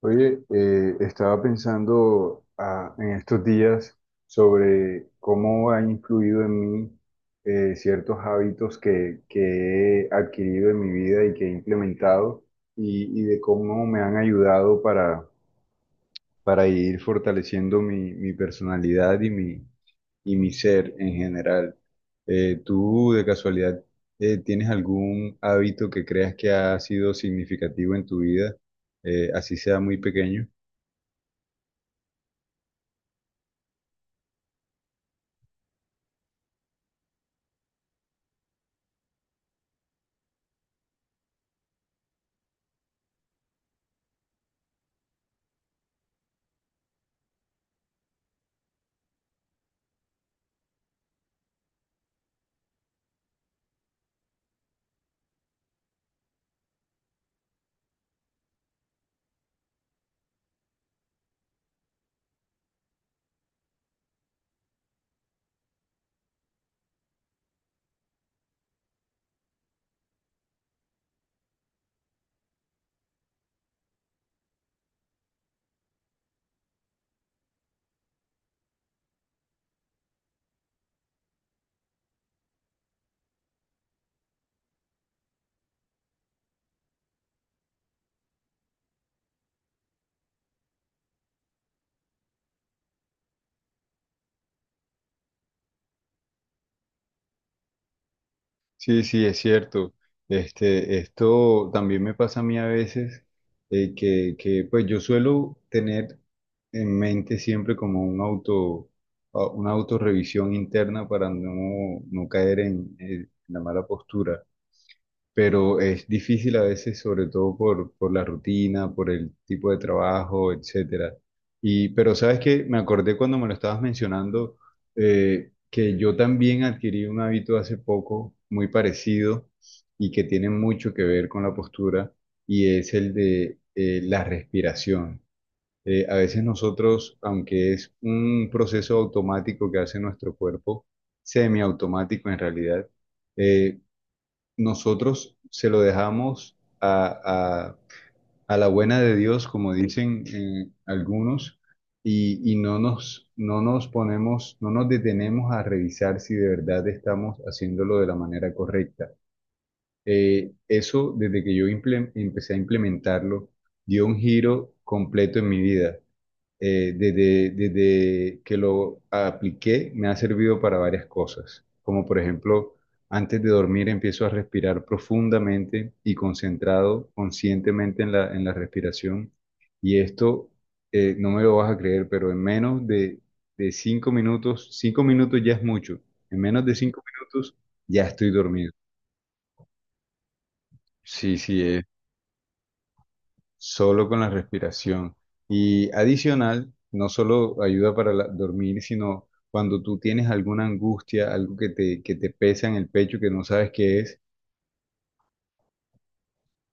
Oye, estaba pensando en estos días sobre cómo han influido en mí, ciertos hábitos que he adquirido en mi vida y que he implementado, y de cómo me han ayudado para ir fortaleciendo mi personalidad y y mi ser en general. ¿Tú de casualidad tienes algún hábito que creas que ha sido significativo en tu vida, así sea muy pequeño? Sí, sí, es cierto. Esto también me pasa a mí a veces, pues yo suelo tener en mente siempre como un auto, una autorrevisión interna para no caer en la mala postura, pero es difícil a veces, sobre todo por la rutina, por el tipo de trabajo, etcétera. Pero sabes que me acordé cuando me lo estabas mencionando. Que yo también adquirí un hábito hace poco muy parecido, y que tiene mucho que ver con la postura, y es el de la respiración. A veces nosotros, aunque es un proceso automático que hace nuestro cuerpo, semiautomático en realidad, eh, nosotros se lo dejamos a la buena de Dios, como dicen algunos, y no nos ponemos, no nos detenemos a revisar si de verdad estamos haciéndolo de la manera correcta. Eso, desde que yo empecé a implementarlo, dio un giro completo en mi vida. Desde que lo apliqué me ha servido para varias cosas, como por ejemplo, antes de dormir empiezo a respirar profundamente y concentrado, conscientemente en en la respiración. Y esto, no me lo vas a creer, pero en de cinco minutos ya es mucho, en menos de cinco minutos ya estoy dormido. Sí, sí, solo con la respiración. Y adicional, no solo ayuda para dormir, sino cuando tú tienes alguna angustia, algo que te pesa en el pecho, que no sabes qué es,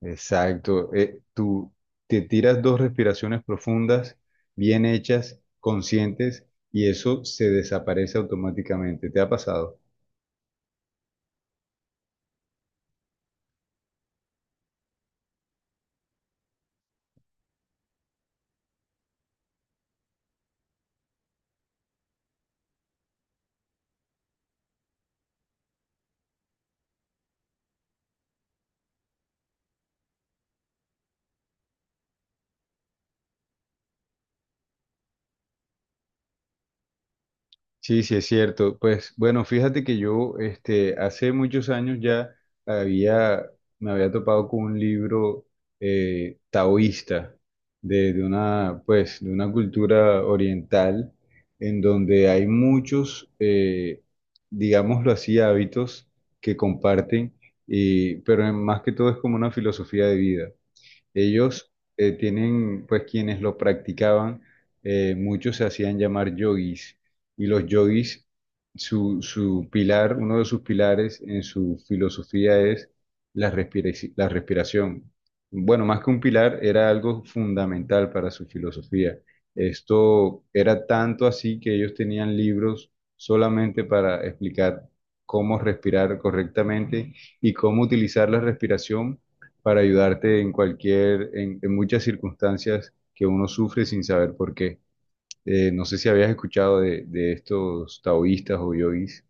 exacto. Tú te tiras dos respiraciones profundas, bien hechas, conscientes, y eso se desaparece automáticamente. ¿Te ha pasado? Sí, sí, es cierto. Pues bueno, fíjate que yo hace muchos años ya había, me había topado con un libro taoísta de una, pues, de una cultura oriental, en donde hay muchos, digámoslo así, hábitos que comparten. Pero más que todo es como una filosofía de vida. Ellos tienen, pues quienes lo practicaban, muchos se hacían llamar yogis, y los yogis, su pilar, uno de sus pilares en su filosofía es la la respiración. Bueno, más que un pilar, era algo fundamental para su filosofía. Esto era tanto así que ellos tenían libros solamente para explicar cómo respirar correctamente y cómo utilizar la respiración para ayudarte en cualquier, en muchas circunstancias que uno sufre sin saber por qué. No sé si habías escuchado de estos taoístas o yogis.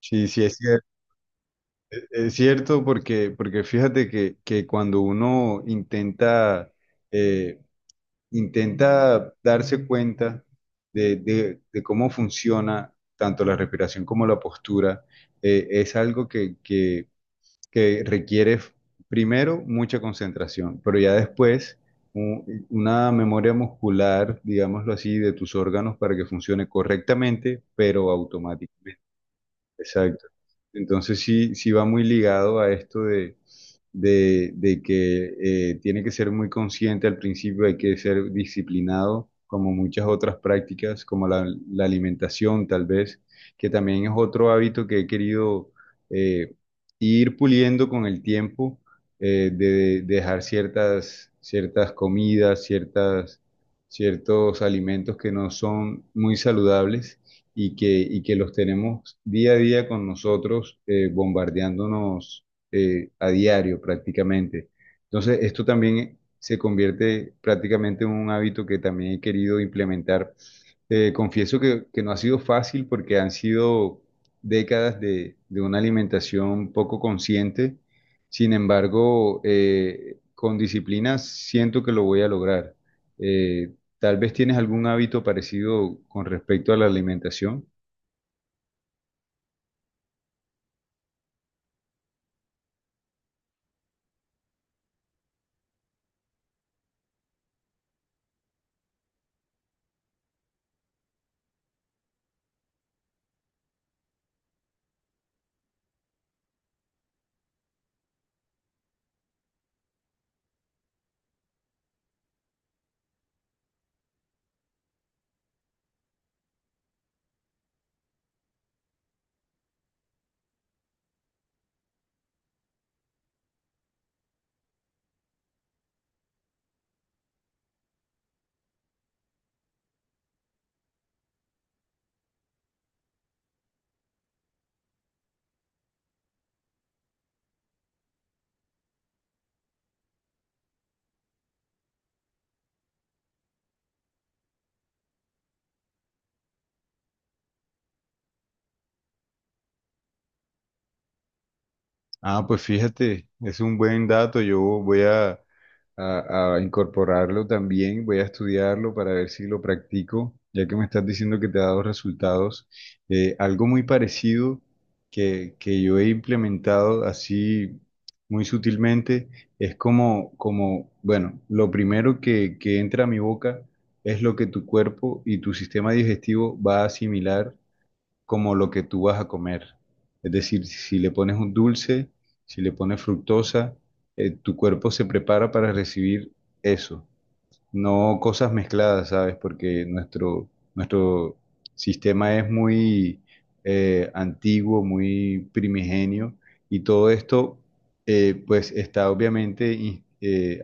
Sí, sí, es cierto, es cierto, porque, porque fíjate que cuando uno intenta, eh, intenta darse cuenta de cómo funciona tanto la respiración como la postura. Es algo que requiere primero mucha concentración, pero ya después u- una memoria muscular, digámoslo así, de tus órganos para que funcione correctamente, pero automáticamente. Exacto. Entonces sí, sí va muy ligado a esto de que tiene que ser muy consciente al principio, hay que ser disciplinado, como muchas otras prácticas, como la alimentación tal vez, que también es otro hábito que he querido eh, ir puliendo con el tiempo, de dejar ciertas, ciertas comidas, ciertas, ciertos alimentos que no son muy saludables, y y que los tenemos día a día con nosotros, bombardeándonos a diario prácticamente. Entonces, esto también se convierte prácticamente en un hábito que también he querido implementar. Confieso que no ha sido fácil porque han sido décadas de una alimentación poco consciente. Sin embargo, con disciplina siento que lo voy a lograr. ¿Tal vez tienes algún hábito parecido con respecto a la alimentación? Ah, pues fíjate, es un buen dato. Yo voy a incorporarlo también, voy a estudiarlo para ver si lo practico, ya que me estás diciendo que te ha dado resultados. Algo muy parecido que yo he implementado así, muy sutilmente, es como, como, bueno, lo primero que entra a mi boca es lo que tu cuerpo y tu sistema digestivo va a asimilar como lo que tú vas a comer. Es decir, si le pones un dulce, si le pones fructosa, tu cuerpo se prepara para recibir eso, no cosas mezcladas, ¿sabes? Porque nuestro sistema es muy antiguo, muy primigenio, y todo esto pues está obviamente in- eh,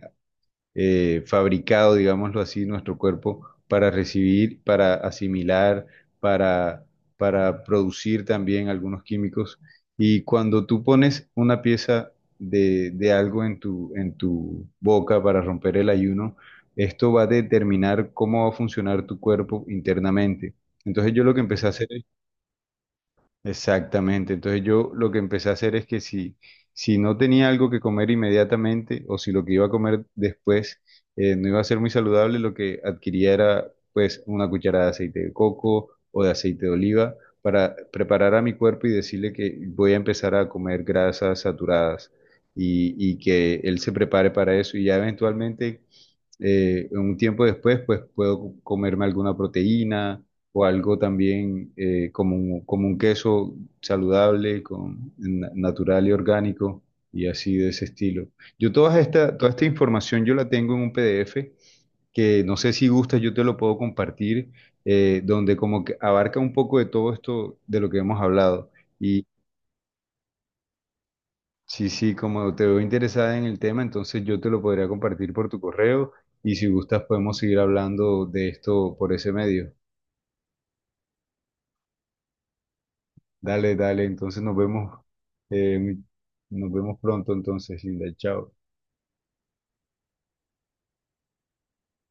eh, fabricado, digámoslo así, nuestro cuerpo para recibir, para asimilar, para, para producir también algunos químicos. Y cuando tú pones una pieza de algo en en tu boca para romper el ayuno, esto va a determinar cómo va a funcionar tu cuerpo internamente. Entonces yo lo que empecé a hacer es... Exactamente. Entonces yo lo que empecé a hacer es que si, si no tenía algo que comer inmediatamente, o si lo que iba a comer después no iba a ser muy saludable, lo que adquiría era pues una cucharada de aceite de coco o de aceite de oliva, para preparar a mi cuerpo y decirle que voy a empezar a comer grasas saturadas, y que él se prepare para eso, y ya eventualmente, un tiempo después, pues puedo comerme alguna proteína o algo también como un queso saludable, con, natural y orgánico, y así de ese estilo. Yo toda esta información yo la tengo en un PDF que no sé si gusta, yo te lo puedo compartir, donde como que abarca un poco de todo esto de lo que hemos hablado. Sí, sí, como te veo interesada en el tema, entonces yo te lo podría compartir por tu correo, y si gustas podemos seguir hablando de esto por ese medio. Dale, dale, entonces eh, nos vemos pronto entonces, Linda, chao.